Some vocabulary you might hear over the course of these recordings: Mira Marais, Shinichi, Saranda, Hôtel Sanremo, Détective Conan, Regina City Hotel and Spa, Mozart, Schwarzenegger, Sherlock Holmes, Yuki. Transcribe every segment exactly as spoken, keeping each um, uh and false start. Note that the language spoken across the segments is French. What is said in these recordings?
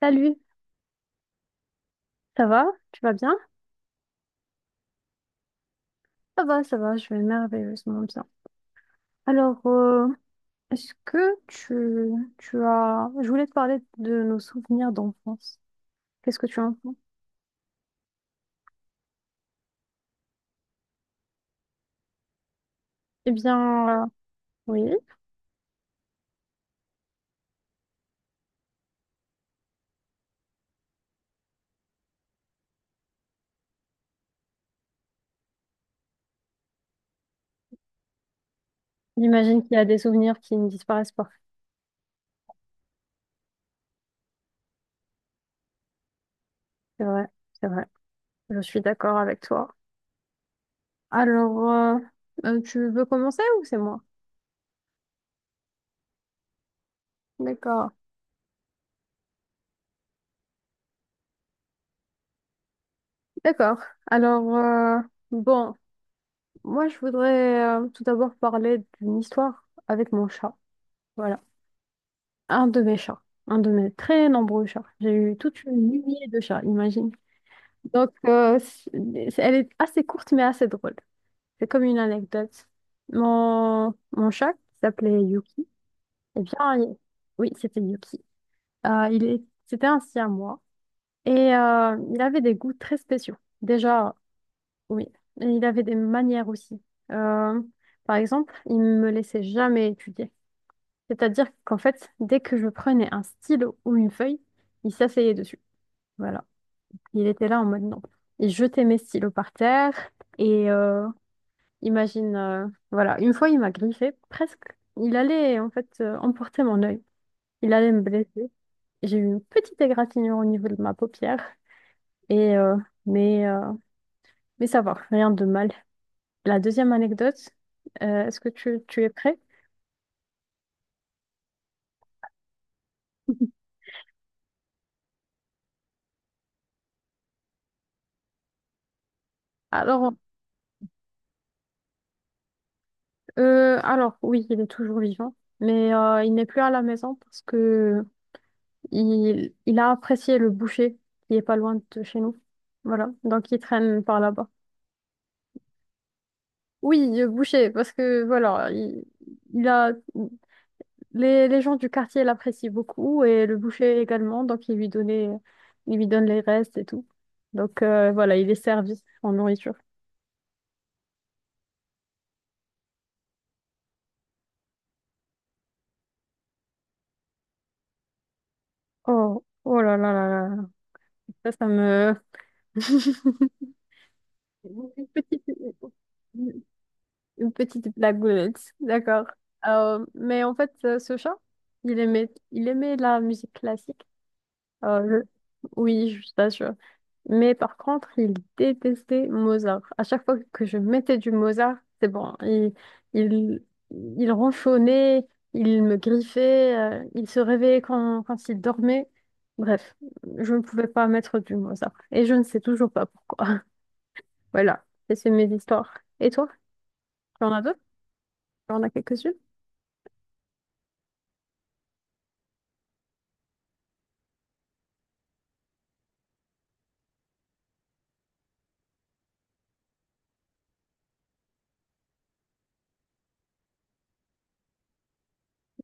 Salut, ça va? Tu vas bien? Ça va, ça va, je vais merveilleusement bien. Alors, euh, est-ce que tu, tu as... Je voulais te parler de nos souvenirs d'enfance. Qu'est-ce que tu en penses? Eh bien, euh, oui, j'imagine qu'il y a des souvenirs qui ne disparaissent pas. C'est vrai, c'est vrai. Je suis d'accord avec toi. Alors, euh, euh, tu veux commencer ou c'est moi? D'accord. D'accord. Alors, euh, bon, moi, je voudrais euh, tout d'abord parler d'une histoire avec mon chat. Voilà. Un de mes chats, un de mes très nombreux chats. J'ai eu toute une lignée de chats, imagine. Donc, euh, c'est- c'est- elle est assez courte mais assez drôle. C'est comme une anecdote. Mon, mon chat, qui s'appelait Yuki, eh bien, il- oui, c'était Yuki. Euh, il est, c'était un siamois et euh, il avait des goûts très spéciaux. Déjà, oui, et il avait des manières aussi. Euh, par exemple, il ne me laissait jamais étudier. C'est-à-dire qu'en fait, dès que je prenais un stylo ou une feuille, il s'asseyait dessus. Voilà. Il était là en mode non. Il jetait mes stylos par terre et euh, imagine, euh, voilà, une fois il m'a griffé, presque. Il allait en fait euh, emporter mon œil. Il allait me blesser. J'ai eu une petite égratignure au niveau de ma paupière. Et euh, mais, euh, mais ça va, rien de mal. La deuxième anecdote, euh, est-ce que tu, tu es prêt? Alors, Euh, alors oui, il est toujours vivant, mais euh, il n'est plus à la maison parce que il, il a apprécié le boucher qui est pas loin de chez nous. Voilà, donc il traîne par là-bas. Oui, le boucher, parce que voilà, il, il a les, les gens du quartier l'apprécient beaucoup et le boucher également, donc il lui donnait, il lui donne les restes et tout. Donc euh, voilà, il est servi en nourriture. Oh, oh là là là là, ça, ça me. Une petite- Une petite blagounette, d'accord. Euh, mais en fait, euh, ce chat, il aimait, il aimait la musique classique. Euh, je- Oui, je t'assure. Mais par contre, il détestait Mozart. À chaque fois que je mettais du Mozart, c'est bon. Il, il, il ronchonnait, il me griffait, euh, il se réveillait quand, quand il dormait. Bref, je ne pouvais pas mettre du Mozart. Et je ne sais toujours pas pourquoi. Voilà. Et c'est mes histoires. Et toi, tu en as d'autres? On a quelques-unes?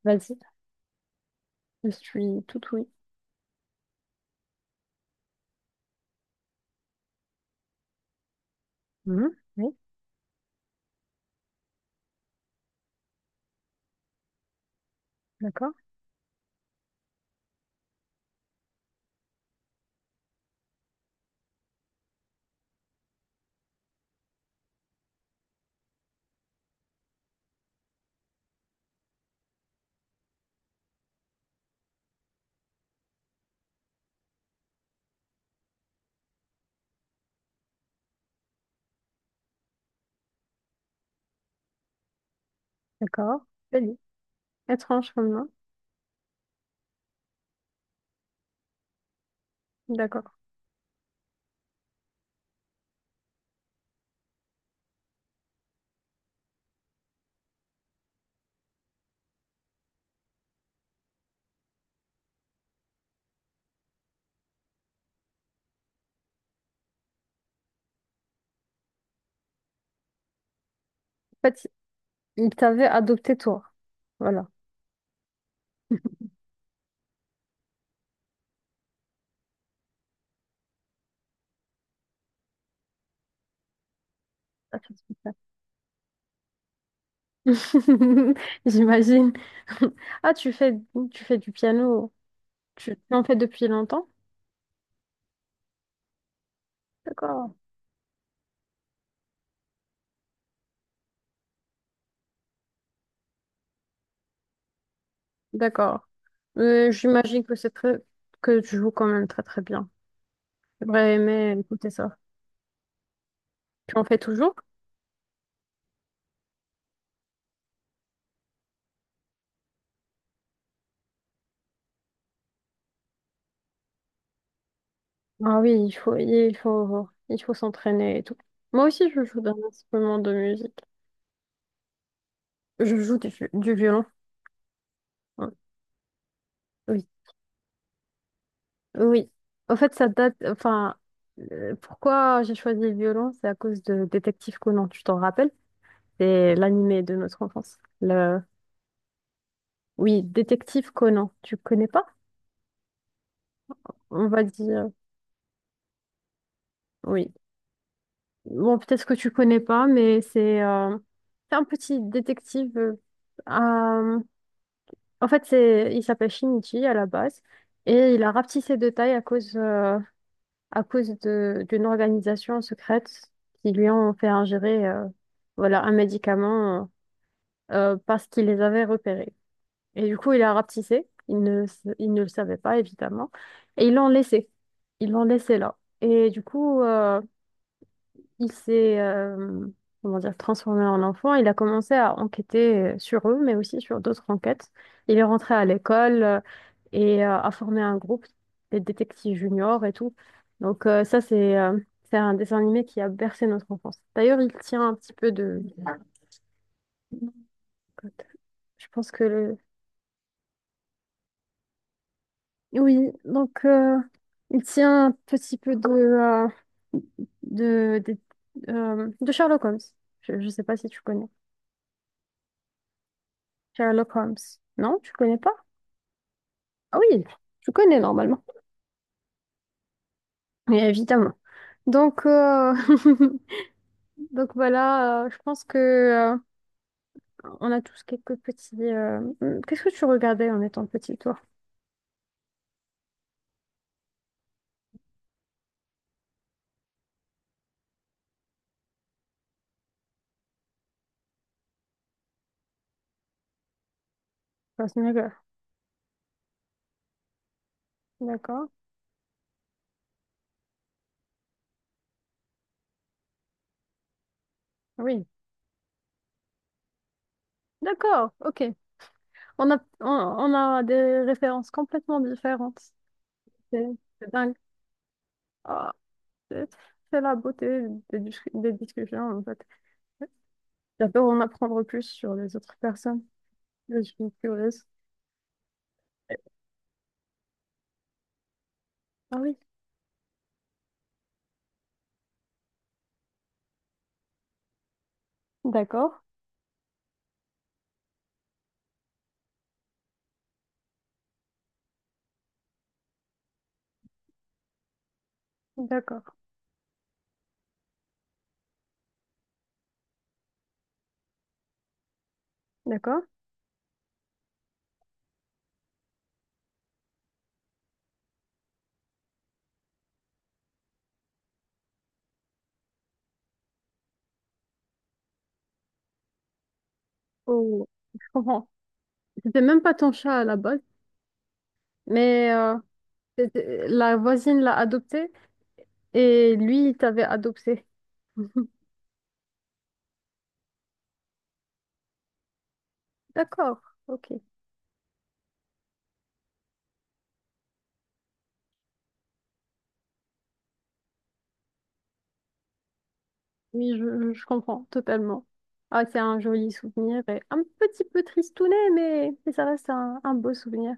Vas-y, je suis tout oui. Mhm. Oui, d'accord, d'accord. Vas-y. Étrange comme nom. D'accord. En fait, il t'avait adopté toi. Voilà. Ah, ça se J'imagine. Ah, tu fais, tu fais du piano. Tu tu en fais depuis longtemps? D'accord. D'accord. Euh, j'imagine que c'est très que tu joues quand même très très bien. J'aurais aimé écouter ça. Tu en fais toujours? Ah oui, il faut il faut il faut s'entraîner et tout. Moi aussi je joue d'un instrument de musique. Je joue du, du violon. Ouais. Oui, oui. En fait, ça date. Enfin, euh, pourquoi j'ai choisi le violon, c'est à cause de Détective Conan. Tu t'en rappelles? C'est l'animé de notre enfance. Le... Oui, Détective Conan. Tu connais pas? On va dire. Oui. Bon, peut-être que tu connais pas, mais c'est euh, c'est un petit détective. Euh, euh, en fait, c'est il s'appelle Shinichi à la base et il a rapetissé de taille à cause euh, à cause de d'une organisation secrète qui lui ont fait ingérer euh, voilà un médicament euh, parce qu'il les avait repérés. Et du coup, il a rapetissé. Il ne s- il ne le savait pas évidemment et ils l'ont laissé. Ils l'ont laissé là. Et du coup. Euh, il s'est euh, comment dire, transformé en enfant. Il a commencé à enquêter euh, sur eux, mais aussi sur d'autres enquêtes. Il est rentré à l'école euh, et euh, a formé un groupe des détectives juniors et tout. Donc euh, ça, c'est euh, c'est un dessin animé qui a bercé notre enfance. D'ailleurs, il tient un petit peu de... Je pense que le... Oui, donc euh, il tient un petit peu de, euh, de, des- euh, de Sherlock Holmes. Je ne sais pas si tu connais. Sherlock Holmes. Non, tu connais pas? Ah oui, tu connais normalement. Mais évidemment. Donc, euh, donc voilà, euh, je pense que euh, on a tous quelques petits. euh, hum, Qu'est-ce que tu regardais en étant petit, toi? Schwarzenegger. D'accord. Oui. D'accord. Ok. On a, on, on a des références complètement différentes. C'est c'est dingue. Ah, c'est c'est la beauté des, dis- des discussions, en fait. J'adore en apprendre plus sur les autres personnes. Je suis curieuse. Ah oui. D'accord, D'accord, d'accord. Oh, je comprends. C'était même pas ton chat à la base, mais euh, c'était- la voisine l'a adopté et lui, il t'avait adopté. D'accord, ok. Oui, je, je comprends totalement. Ah, c'est un joli souvenir et un petit peu tristounet, mais, mais ça reste un, un beau souvenir.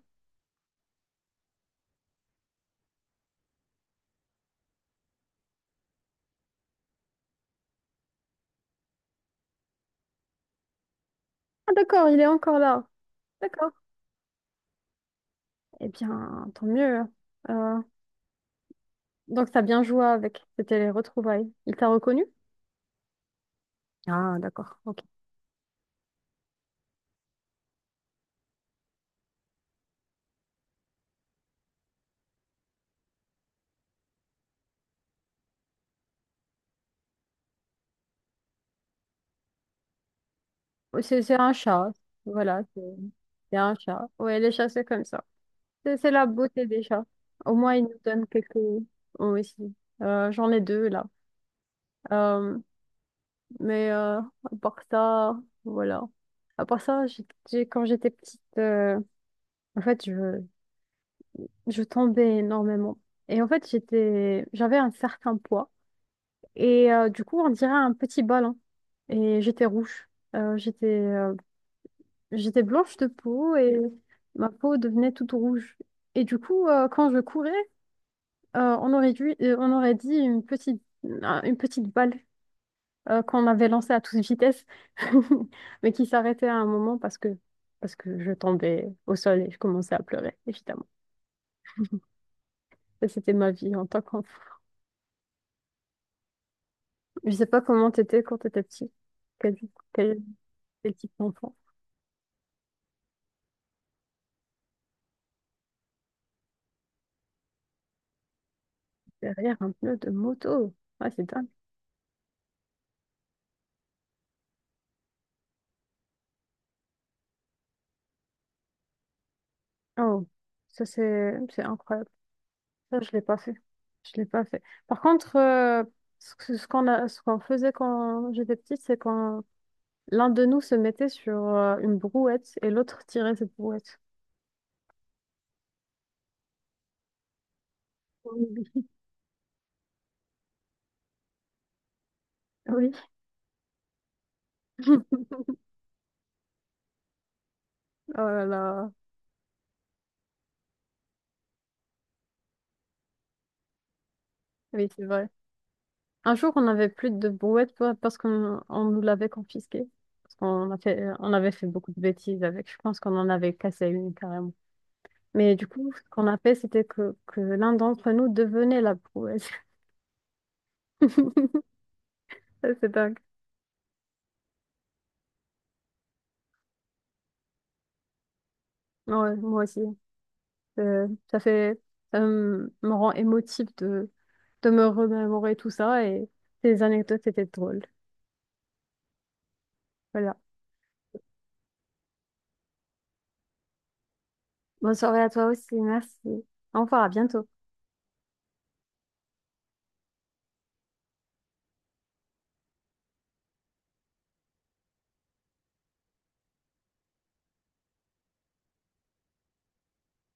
Ah, d'accord, il est encore là. D'accord. Eh bien, tant mieux, hein. Euh, donc, t'as bien joué avec. C'était les retrouvailles. Il t'a reconnu? Ah, d'accord. Ouais, C'est c'est un chat. Voilà, c'est c'est un chat. Ouais, les chats, c'est comme ça. C'est c'est la beauté des chats. Au moins, ils nous donnent quelques mots aussi. Euh, j'en ai deux là. Euh, mais euh, à part ça, voilà. À part ça, j'ai- j'ai- quand j'étais petite, euh, en fait, je, je tombais énormément. Et en fait, j'étais, j'avais un certain poids. Et euh, du coup, on dirait un petit ballon. Et j'étais rouge. Euh, j'étais euh, j'étais blanche de peau et ma peau devenait toute rouge. Et du coup, euh, quand je courais, euh, on aurait dû, euh, on aurait dit une petite, un- une petite balle euh, qu'on avait lancée à toute vitesse, mais qui s'arrêtait à un moment parce que, parce que je tombais au sol et je commençais à pleurer, évidemment. Et c'était ma vie en tant qu'enfant. Je sais pas comment t'étais quand t'étais petit. Quel, quel, quel type d'enfant? Derrière un pneu de moto. Ouais, c'est dingue. Oh, ça c'est c'est incroyable. Ça, je l'ai pas fait. Je l'ai pas fait. Par contre, euh, ce que- ce qu'on a, ce qu'on faisait quand j'étais petite, c'est quand l'un de nous se mettait sur euh, une brouette et l'autre tirait cette brouette. Oui. Oui. Oh là là. Oui, c'est vrai. Un jour, on n'avait plus de brouette pa- parce qu'on on nous l'avait confisquée. Parce qu'on a fait, on avait fait beaucoup de bêtises avec. Je pense qu'on en avait cassé une carrément. Mais du coup, ce qu'on a fait, c'était que, que l'un d'entre nous devenait la brouette. Ça, c'est dingue. Ouais, moi aussi. Euh, ça fait, ça me me rend émotive de, de me remémorer tout ça et ces anecdotes étaient drôles. Voilà. Bonne soirée à toi aussi, merci. Au revoir, à bientôt.